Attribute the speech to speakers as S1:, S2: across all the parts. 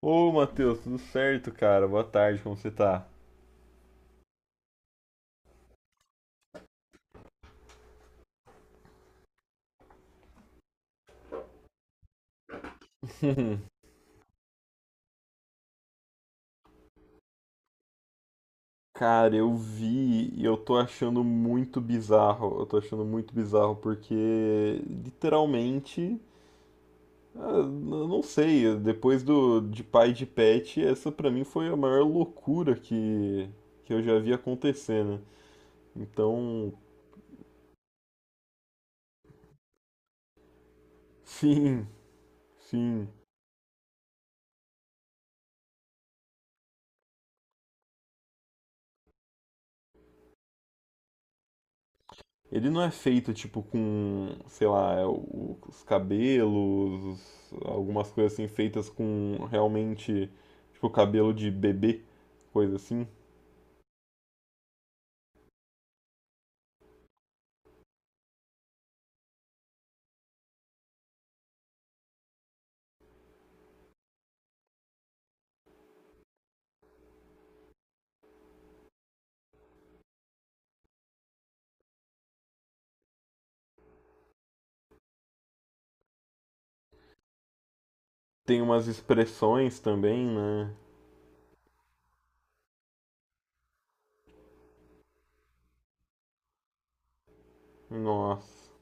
S1: Ô, Matheus, tudo certo, cara? Boa tarde, como você tá? Cara, eu vi e eu tô achando muito bizarro. Eu tô achando muito bizarro porque, literalmente, eu não sei, depois do de pai de pet, essa pra mim foi a maior loucura que eu já vi acontecer, né? Então, sim, sim. Ele não é feito tipo com, sei lá, os cabelos, algumas coisas assim feitas com realmente tipo cabelo de bebê, coisa assim. Tem umas expressões também, né? Nossa.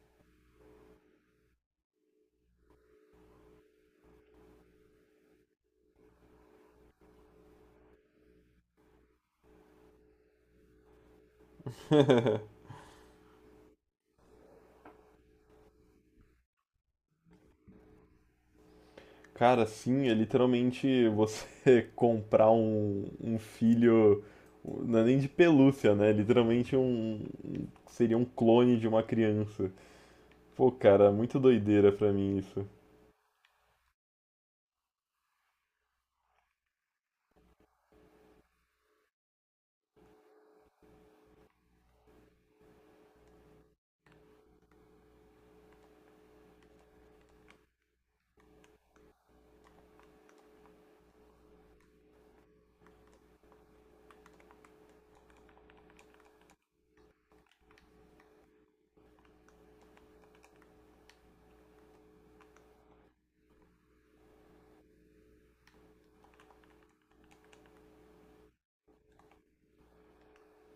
S1: Cara, sim, é literalmente você comprar um filho, não é nem de pelúcia, né? Literalmente seria um clone de uma criança. Pô, cara, muito doideira pra mim isso.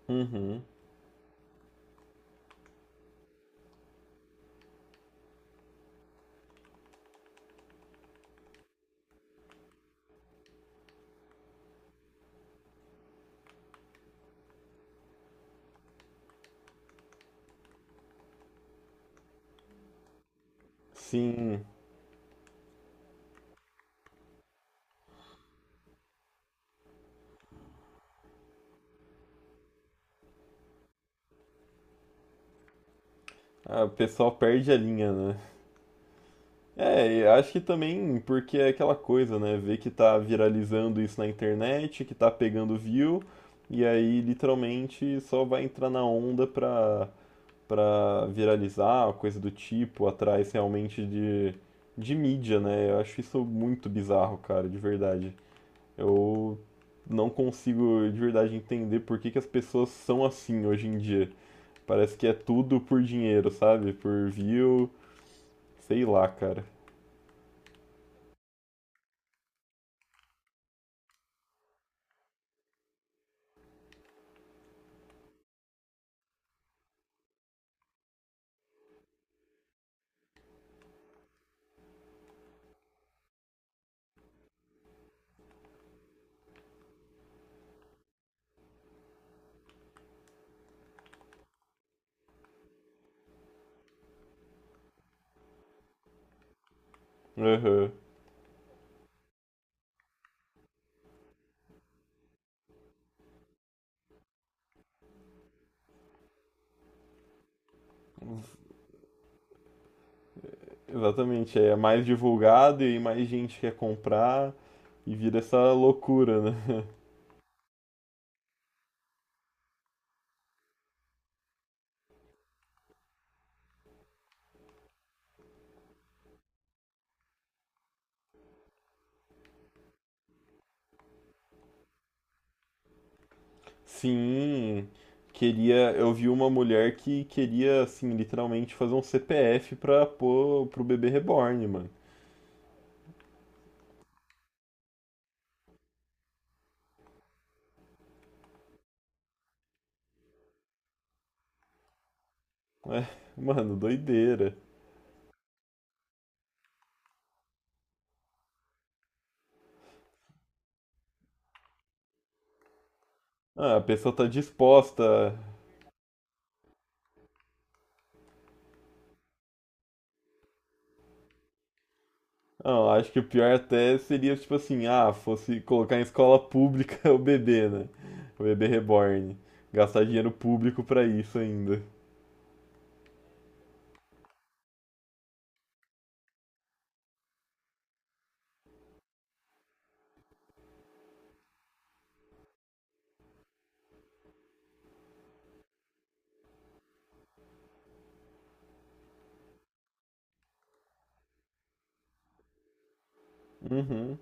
S1: Uhum. Sim. Ah, o pessoal perde a linha, né? É, e acho que também porque é aquela coisa, né? Ver que tá viralizando isso na internet, que tá pegando view, e aí literalmente só vai entrar na onda pra viralizar, coisa do tipo, atrás realmente de mídia, né? Eu acho isso muito bizarro, cara, de verdade. Eu não consigo de verdade entender por que que as pessoas são assim hoje em dia. Parece que é tudo por dinheiro, sabe? Por view. Sei lá, cara. Aham. Exatamente. É mais divulgado e aí mais gente quer comprar e vira essa loucura, né? Sim, queria. Eu vi uma mulher que queria, assim, literalmente fazer um CPF pra pôr pro bebê reborn, mano. É, mano, doideira. Ah, a pessoa tá disposta. Não, acho que o pior até seria, tipo assim, ah, fosse colocar em escola pública o bebê, né? O bebê reborn. Gastar dinheiro público pra isso ainda. Uhum.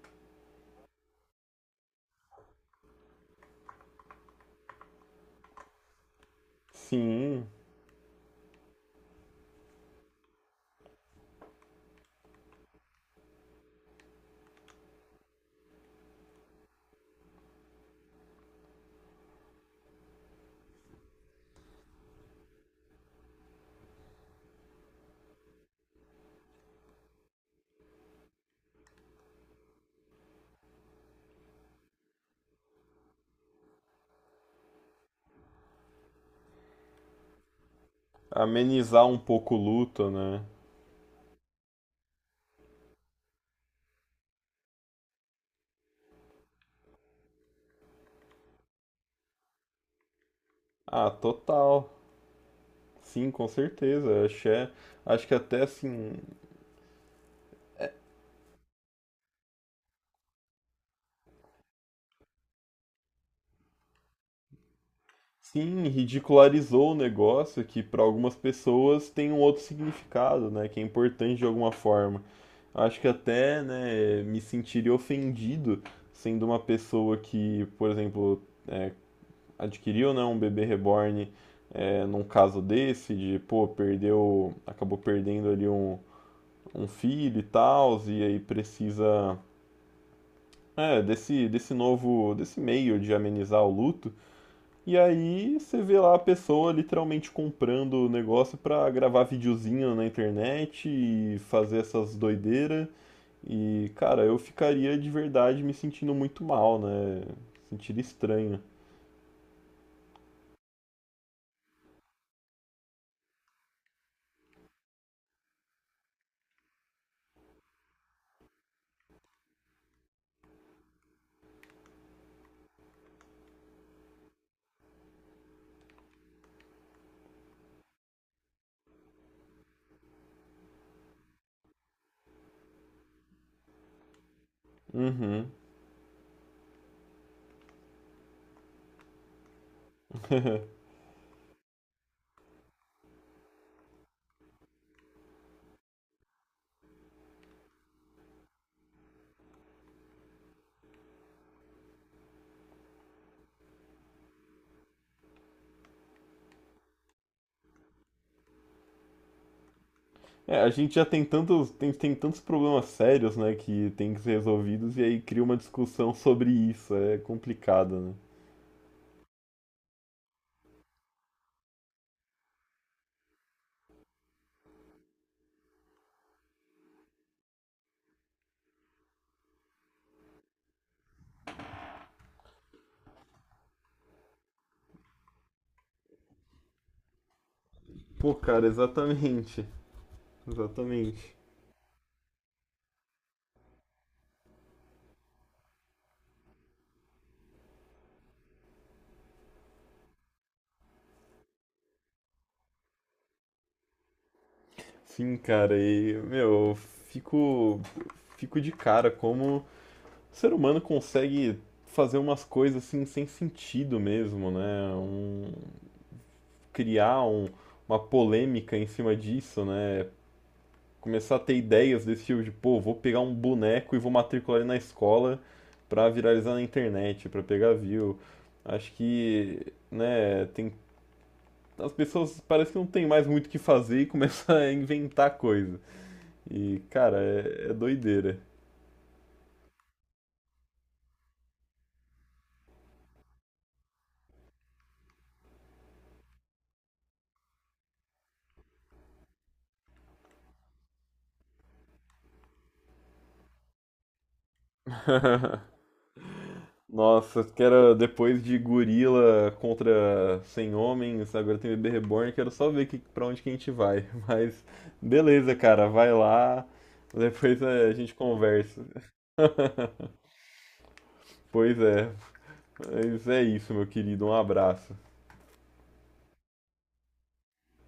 S1: Sim, amenizar um pouco o luto, né? Ah, total. Sim, com certeza. Acho que até assim, sim, ridicularizou o negócio que para algumas pessoas tem um outro significado, né? Que é importante de alguma forma. Acho que até, né, me sentiria ofendido sendo uma pessoa que, por exemplo, é, adquiriu, né, um bebê reborn, é, num caso desse, de, pô, perdeu, acabou perdendo ali um filho e tal, e aí precisa é, desse novo, desse meio de amenizar o luto. E aí você vê lá a pessoa literalmente comprando o negócio pra gravar videozinho na internet e fazer essas doideiras. E, cara, eu ficaria de verdade me sentindo muito mal, né? Sentiria estranho. Uhum. É, a gente já tem tantos, tem tantos problemas sérios, né, que tem que ser resolvidos, e aí cria uma discussão sobre isso. É complicado, né? Pô, cara, exatamente. Exatamente. Sim, cara, e, meu, fico de cara como o ser humano consegue fazer umas coisas assim sem sentido mesmo, né? Um, criar um- uma polêmica em cima disso, né? Começar a ter ideias desse tipo de, pô, vou pegar um boneco e vou matricular ele na escola pra viralizar na internet, pra pegar view. Acho que, né, tem as pessoas parece que não tem mais muito o que fazer e começa a inventar coisa. E, cara, é, é doideira. Nossa, que era depois de gorila contra 100 homens, agora tem bebê reborn, quero só ver que, pra onde que a gente vai. Mas, beleza, cara, vai lá, depois é, a gente conversa. Pois é, mas é isso, meu querido, um abraço.